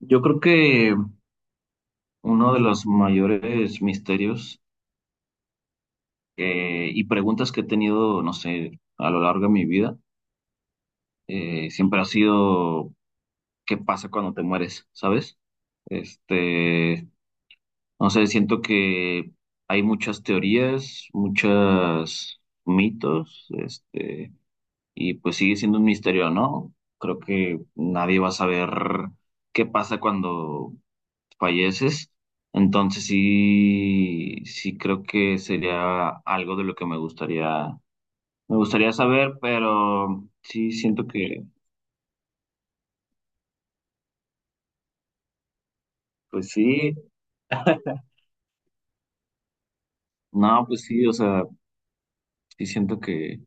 Yo creo que uno de los mayores misterios y preguntas que he tenido, no sé, a lo largo de mi vida, siempre ha sido ¿qué pasa cuando te mueres? ¿Sabes? Este, no sé, siento que hay muchas teorías, muchos mitos, y pues sigue siendo un misterio, ¿no? Creo que nadie va a saber qué pasa cuando falleces. Entonces sí, sí creo que sería algo de lo que me gustaría saber, pero sí siento que, pues sí, no, pues sí, o sea, sí siento que,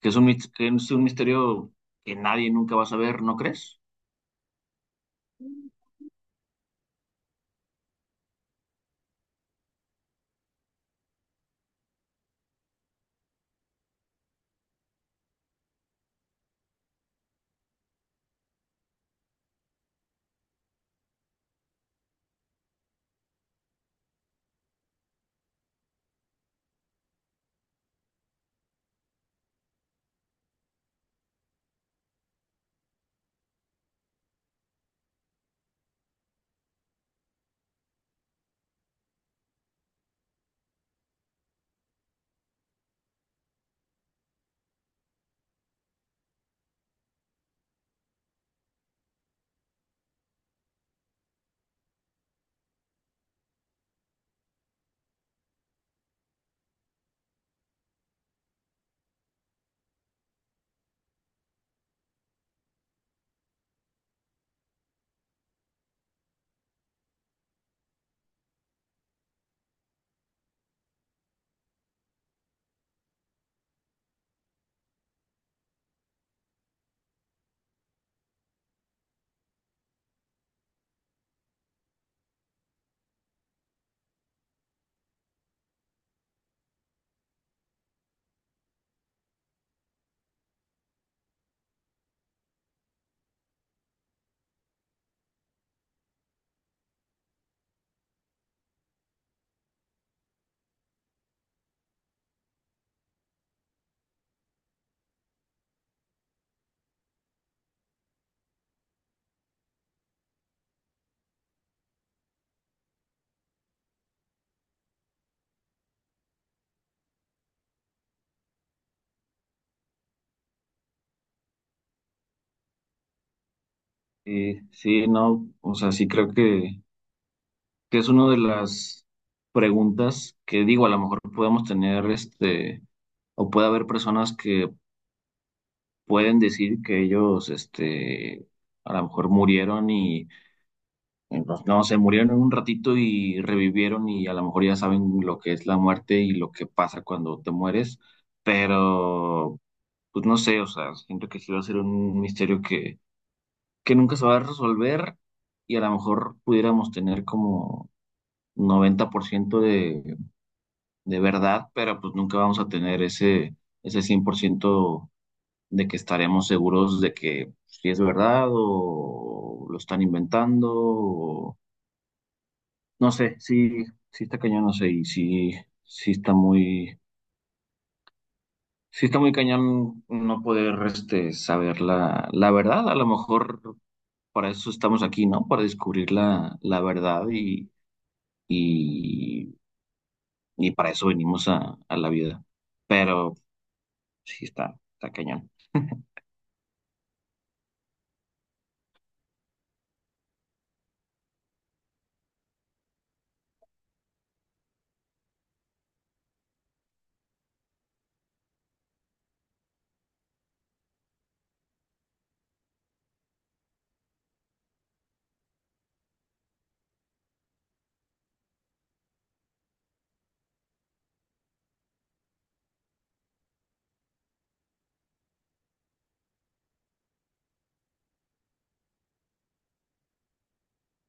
que es un misterio que nadie nunca va a saber, ¿no crees? Sí, sí, no, o sea, sí creo que es una de las preguntas que digo, a lo mejor podemos tener o puede haber personas que pueden decir que ellos, a lo mejor murieron y, pues, no sé, murieron en un ratito y revivieron y a lo mejor ya saben lo que es la muerte y lo que pasa cuando te mueres, pero, pues no sé, o sea, siento que sí va a ser un misterio que nunca se va a resolver y a lo mejor pudiéramos tener como 90% de verdad, pero pues nunca vamos a tener ese, ese 100% de que estaremos seguros de que pues, si es verdad o lo están inventando. No sé, sí, sí está cañón, no sé, y sí, sí está muy, sí está muy cañón no poder saber la, la verdad. A lo mejor para eso estamos aquí, ¿no? Para descubrir la, la verdad y, y para eso venimos a la vida. Pero sí está, está cañón.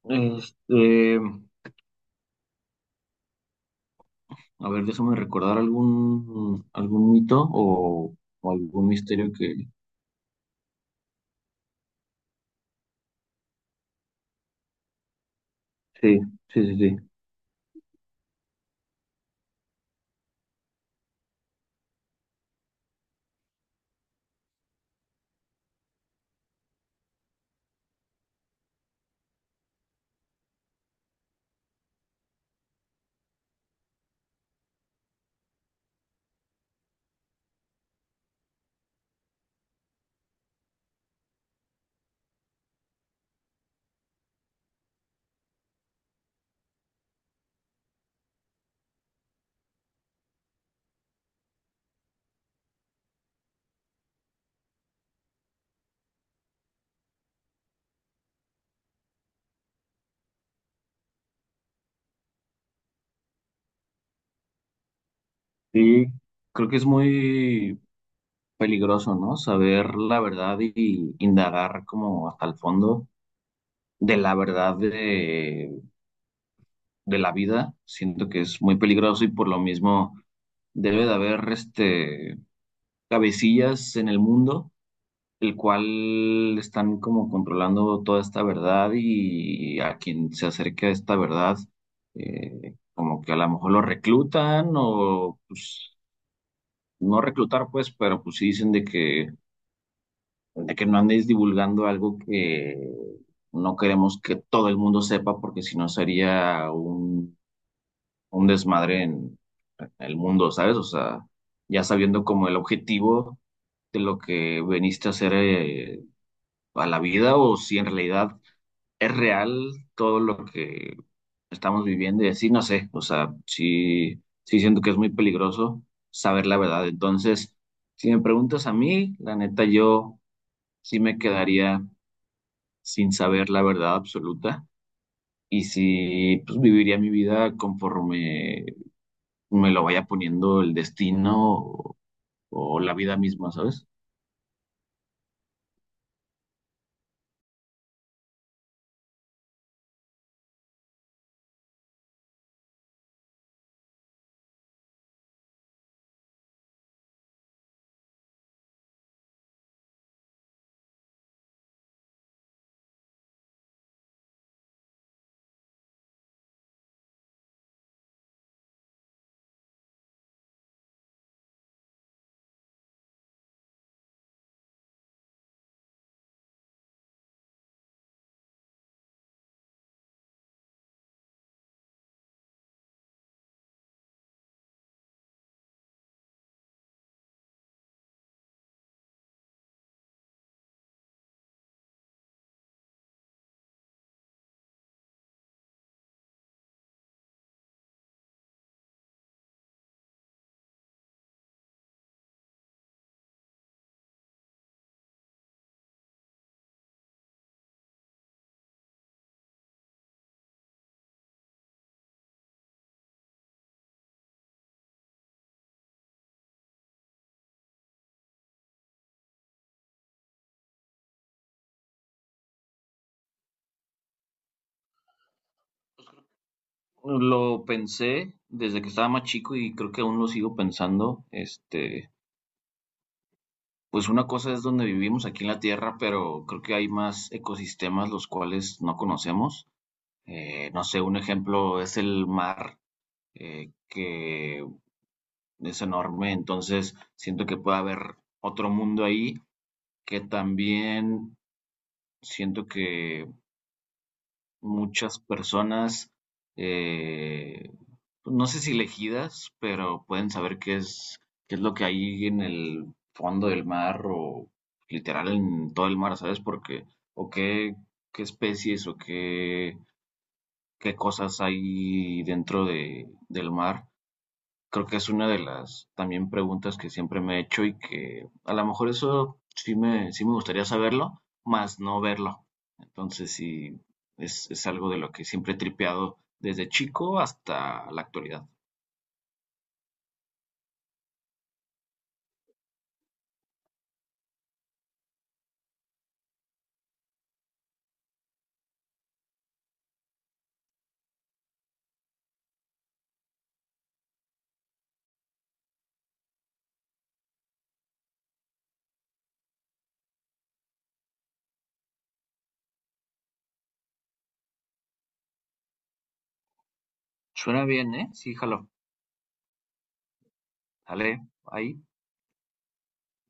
Este, A ver, déjame recordar algún, algún mito o algún misterio que... Sí, sí, sí, sí. Sí, creo que es muy peligroso, ¿no? Saber la verdad y indagar como hasta el fondo de la verdad de la vida. Siento que es muy peligroso y por lo mismo debe de haber cabecillas en el mundo el cual están como controlando toda esta verdad y a quien se acerque a esta verdad, como que a lo mejor lo reclutan o pues no reclutar pues, pero pues sí dicen de que no andes divulgando algo que no queremos que todo el mundo sepa porque si no sería un desmadre en el mundo, ¿sabes? O sea, ya sabiendo como el objetivo de lo que veniste a hacer a la vida o si en realidad es real todo lo que estamos viviendo y así, no sé, o sea, sí, sí siento que es muy peligroso saber la verdad. Entonces, si me preguntas a mí, la neta, yo sí me quedaría sin saber la verdad absoluta y sí, pues viviría mi vida conforme me lo vaya poniendo el destino o la vida misma, ¿sabes? Lo pensé desde que estaba más chico y creo que aún lo sigo pensando, este. Pues una cosa es donde vivimos aquí en la Tierra, pero creo que hay más ecosistemas los cuales no conocemos. No sé, un ejemplo es el mar, que es enorme, entonces siento que puede haber otro mundo ahí que también siento que muchas personas, eh, no sé si elegidas, pero pueden saber qué es lo que hay en el fondo del mar o literal en todo el mar, ¿sabes? Porque, o qué, qué especies o qué, qué cosas hay dentro de, del mar. Creo que es una de las también preguntas que siempre me he hecho y que a lo mejor eso sí me gustaría saberlo, más no verlo. Entonces sí, es algo de lo que siempre he tripeado desde chico hasta la actualidad. Suena bien, ¿eh? Sí, jalo. Sale ahí.